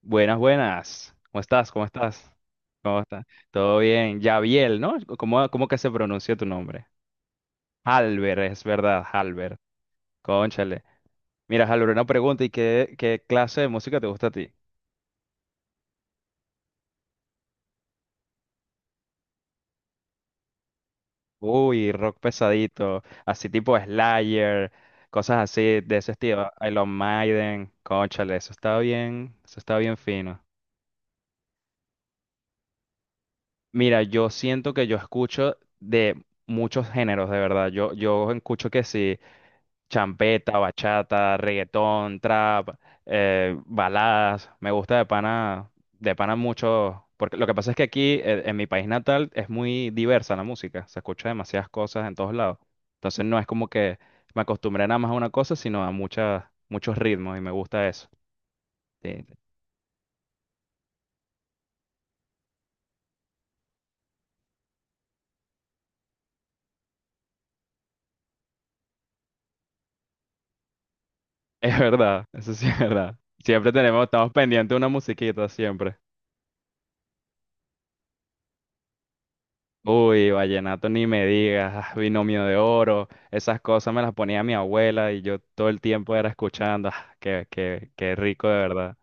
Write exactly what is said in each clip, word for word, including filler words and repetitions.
Buenas, buenas. ¿Cómo estás? ¿Cómo estás? ¿Cómo estás? Todo bien. Yaviel, ¿no? ¿Cómo, cómo que se pronuncia tu nombre? Halber, es verdad, Halber. Cónchale. Mira, Halber, una pregunta. ¿Y qué, qué clase de música te gusta a ti? Uy, rock pesadito, así tipo Slayer, cosas así de ese estilo. Iron Maiden, cónchale, eso está bien, eso está bien fino. Mira, yo siento que yo escucho de muchos géneros, de verdad. Yo, yo escucho que sí. Champeta, bachata, reggaetón, trap, eh, baladas. Me gusta de pana, de pana mucho, porque lo que pasa es que aquí, eh, en mi país natal, es muy diversa la música, se escucha demasiadas cosas en todos lados. Entonces no es como que me acostumbré nada más a una cosa, sino a muchas, muchos ritmos y me gusta eso. Sí, es verdad, eso sí es verdad. Siempre tenemos, estamos pendientes de una musiquita, siempre. Uy, vallenato ni me digas, ah, binomio de oro, esas cosas me las ponía mi abuela y yo todo el tiempo era escuchando, ah, qué, qué, qué rico de verdad.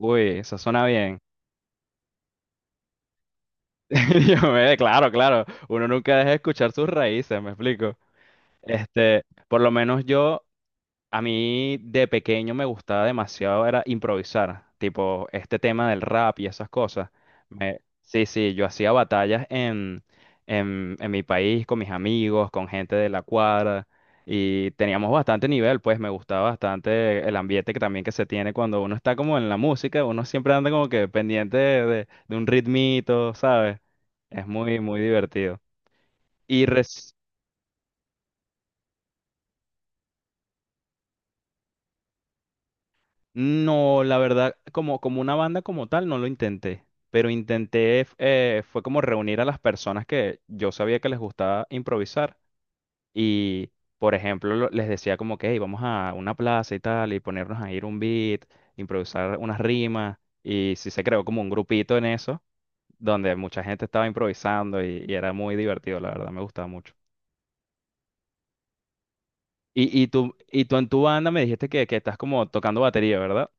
Uy, eso suena bien. Yo me, claro, claro, uno nunca deja de escuchar sus raíces, me explico. Este, por lo menos yo. A mí de pequeño me gustaba demasiado era improvisar, tipo este tema del rap y esas cosas. Me- sí, sí, yo hacía batallas en, en, en mi país con mis amigos, con gente de la cuadra y teníamos bastante nivel, pues me gustaba bastante el ambiente que también que se tiene cuando uno está como en la música, uno siempre anda como que pendiente de, de de un ritmito, ¿sabes? Es muy, muy divertido. Y reci- No, la verdad, como, como una banda como tal, no lo intenté, pero intenté, eh, fue como reunir a las personas que yo sabía que les gustaba improvisar y, por ejemplo, lo- les decía como que, hey, vamos a una plaza y tal y ponernos a ir un beat, improvisar unas rimas y sí se creó como un grupito en eso, donde mucha gente estaba improvisando y, y era muy divertido, la verdad, me gustaba mucho. Y, y tú, y tú en tu banda me dijiste que, que estás como tocando batería, ¿verdad?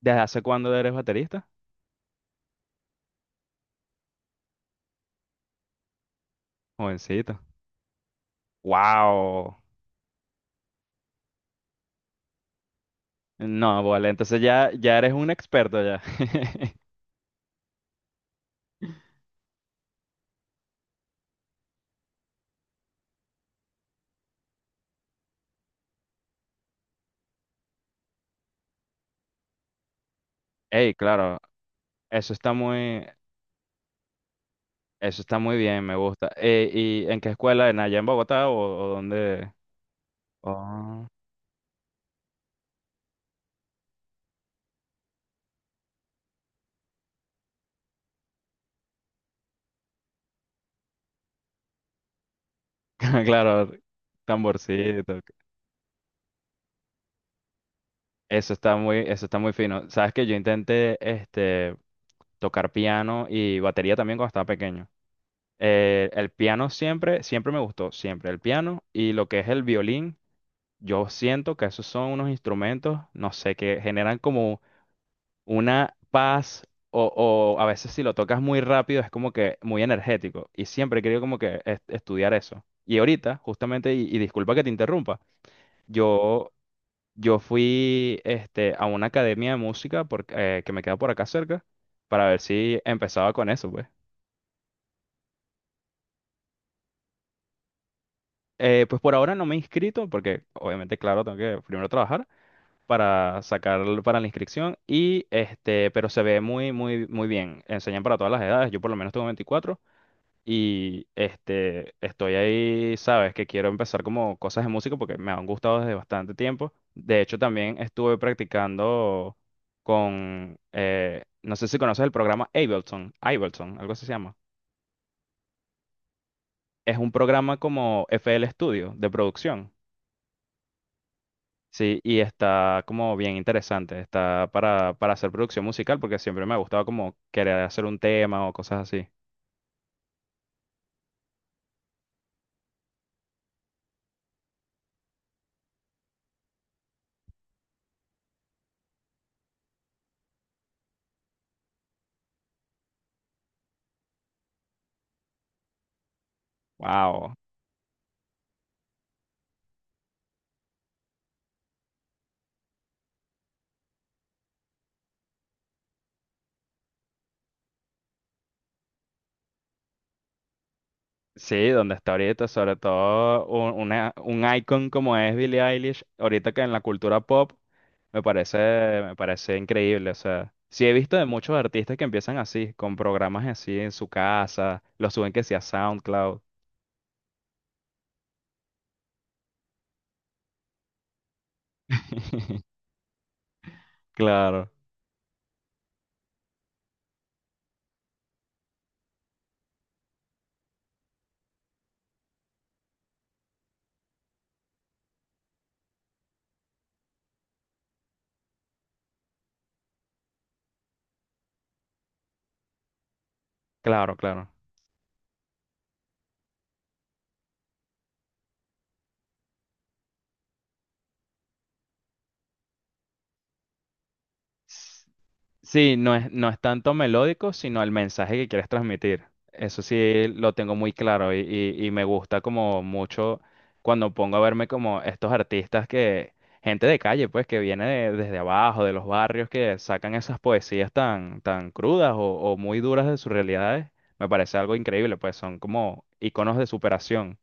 ¿Desde hace cuándo eres baterista? Jovencito. Wow. No, vale, entonces ya, ya eres un experto ya. Ey, claro, eso está muy, eso está muy bien, me gusta. Eh, ¿y en qué escuela? ¿En allá en Bogotá o, o dónde? Oh, claro, tamborcito. Eso está muy, eso está muy fino. Sabes que yo intenté este tocar piano y batería también cuando estaba pequeño. Eh, el piano siempre, siempre me gustó, siempre el piano y lo que es el violín. Yo siento que esos son unos instrumentos, no sé, que generan como una paz o, o a veces si lo tocas muy rápido es como que muy energético. Y siempre he querido como que est- estudiar eso. Y ahorita, justamente, y, y disculpa que te interrumpa, yo, yo fui este, a una academia de música porque, eh, que me queda por acá cerca para ver si empezaba con eso, pues. Eh, pues por ahora no me he inscrito porque obviamente, claro, tengo que primero trabajar para sacar para la inscripción y este, pero se ve muy, muy, muy bien. Enseñan para todas las edades. Yo por lo menos tengo veinticuatro y este, estoy ahí, sabes, que quiero empezar como cosas de música porque me han gustado desde bastante tiempo. De hecho, también estuve practicando con, eh, no sé si conoces el programa Ableton, Ableton, algo así se llama. Es un programa como F L Studio de producción. Sí, y está como bien interesante, está para, para hacer producción musical porque siempre me ha gustado como querer hacer un tema o cosas así. Wow. Sí, donde está ahorita, sobre todo un, una, un icon como es Billie Eilish, ahorita que en la cultura pop me parece, me parece increíble. O sea, sí he visto de muchos artistas que empiezan así, con programas así en su casa, los suben que sea SoundCloud. Claro, claro, claro. Sí, no es, no es tanto melódico, sino el mensaje que quieres transmitir. Eso sí lo tengo muy claro y, y- y me gusta como mucho cuando pongo a verme como estos artistas que, gente de calle, pues, que viene de- desde abajo, de los barrios, que sacan esas poesías tan, tan crudas o, o muy duras de sus realidades. Me parece algo increíble, pues son como iconos de superación.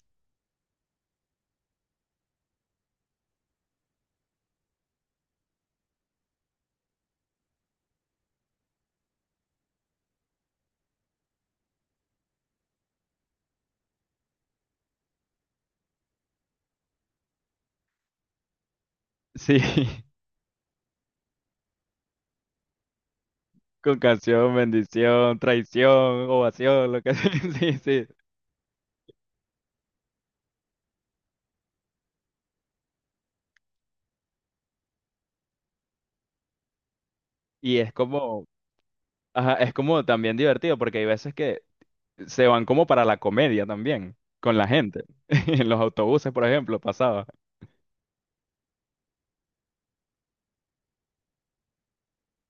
Sí, con canción, bendición, traición, ovación, lo que sea. Sí, sí. Y es como. Ajá, es como también divertido porque hay veces que se van como para la comedia también con la gente. En los autobuses, por ejemplo, pasaba.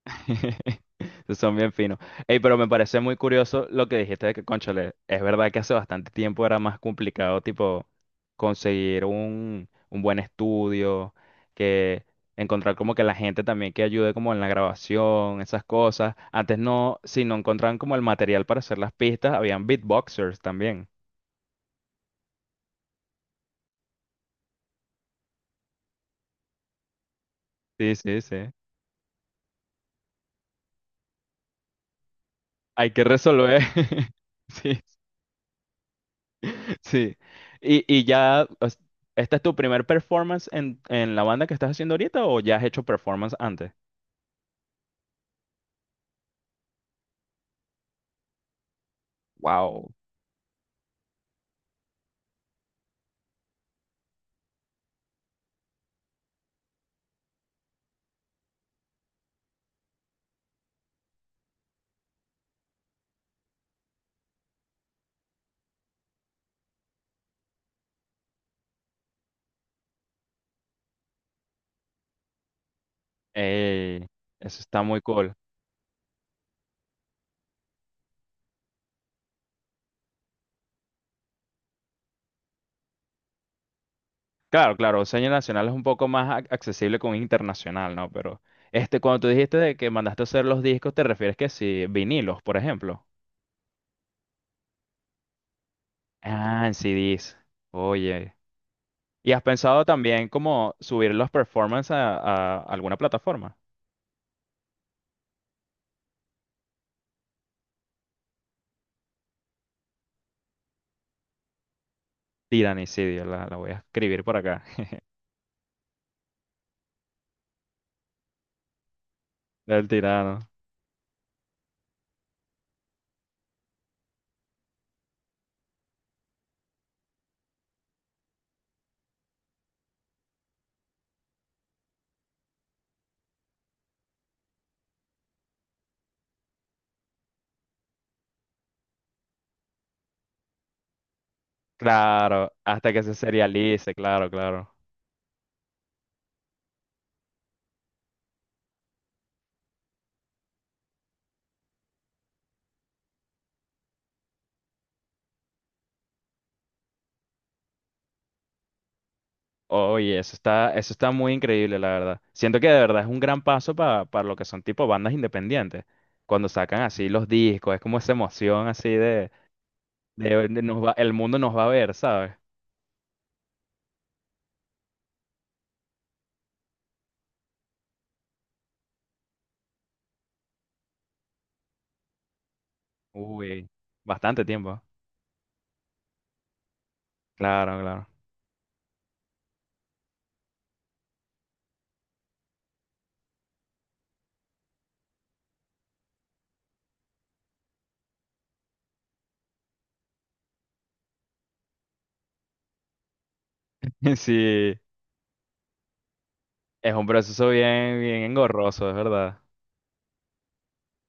Son bien finos. Ey, pero me parece muy curioso lo que dijiste de que, cónchale, es verdad que hace bastante tiempo era más complicado, tipo, conseguir un, un buen estudio, que encontrar como que la gente también que ayude como en la grabación, esas cosas. Antes no, si no encontraban como el material para hacer las pistas, habían beatboxers también. Sí, sí, sí. Hay que resolver. Sí, sí. Y, y ya, os- ¿Esta es tu primer performance en, en la banda que estás haciendo ahorita o ya has hecho performance antes? Wow. Ey, eso está muy cool. Claro, claro, Seña Nacional es un poco más ac- accesible con internacional, ¿no? Pero este, cuando tú dijiste de que mandaste a hacer los discos, ¿te refieres que sí, vinilos, por ejemplo? Ah, en c des. Oye. ¿Y has pensado también como subir los performances a a alguna plataforma? Tiranicidio, la, la voy a escribir por acá. Del tirano. Claro, hasta que se serialice, claro, claro. Oye, eso está, eso está muy increíble, la verdad. Siento que de verdad es un gran paso pa- para lo que son tipo bandas independientes. Cuando sacan así los discos, es como esa emoción así de, de- de nos va- el mundo nos va a ver, ¿sabes? Uy, bastante tiempo. Claro, claro. Sí, es un proceso bien, bien engorroso, es verdad.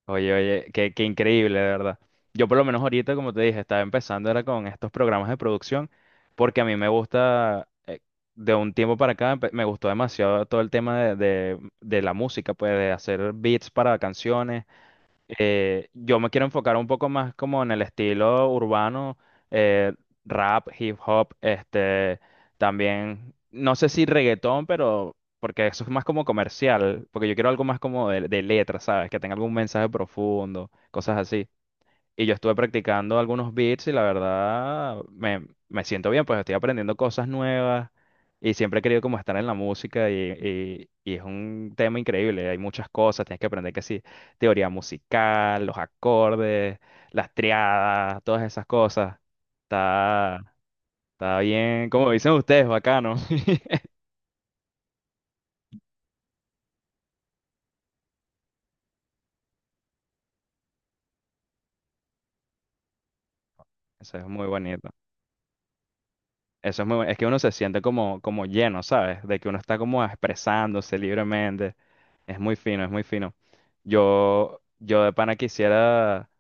Oye, oye, qué, qué increíble, de verdad. Yo por lo menos ahorita, como te dije, estaba empezando era con estos programas de producción, porque a mí me gusta, eh, de un tiempo para acá, empe- me gustó demasiado todo el tema de, de- de la música, pues de hacer beats para canciones, eh, yo me quiero enfocar un poco más como en el estilo urbano, eh, rap, hip hop, este, también, no sé si reggaetón, pero porque eso es más como comercial, porque yo quiero algo más como de, de letra, ¿sabes? Que tenga algún mensaje profundo, cosas así. Y yo estuve practicando algunos beats y la verdad me, me siento bien, pues estoy aprendiendo cosas nuevas y siempre he querido como estar en la música y, y- y es un tema increíble, hay muchas cosas, tienes que aprender que sí, teoría musical, los acordes, las triadas, todas esas cosas. Está, está bien, como dicen ustedes, bacano. Eso es muy bonito. Eso es muy bueno. Es que uno se siente como, como lleno, ¿sabes? De que uno está como expresándose libremente. Es muy fino, es muy fino. Yo, yo de pana quisiera,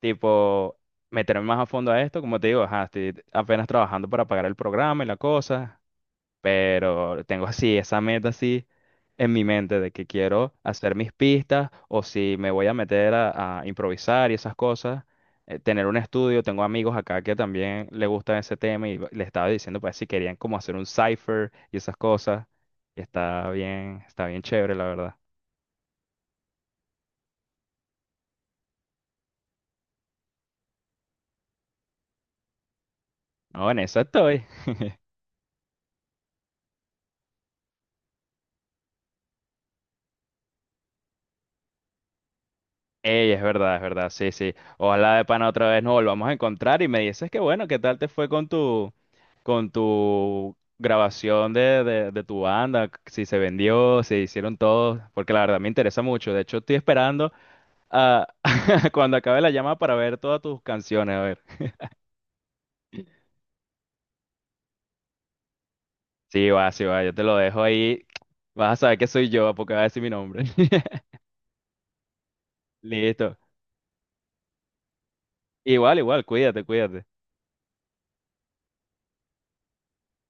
tipo, meterme más a fondo a esto. Como te digo, ajá, estoy apenas trabajando para pagar el programa y la cosa. Pero tengo así esa meta así en mi mente de que quiero hacer mis pistas o si me voy a meter a, a improvisar y esas cosas, eh, tener un estudio. Tengo amigos acá que también le gusta ese tema y le estaba diciendo pues si querían como hacer un cipher y esas cosas. Y está bien, está bien chévere, la verdad. No, en eso estoy. Ey, es verdad, es verdad, sí, sí. Ojalá de pana otra vez nos volvamos a encontrar y me dices que bueno, ¿qué tal te fue con tu, con tu grabación de, de, de tu banda? Si se vendió, si hicieron todo porque la verdad me interesa mucho. De hecho, estoy esperando a cuando acabe la llamada para ver todas tus canciones. A ver. Sí, va, sí, va, yo te lo dejo ahí. Vas a saber que soy yo porque va a decir mi nombre. Listo. Igual, igual, cuídate, cuídate.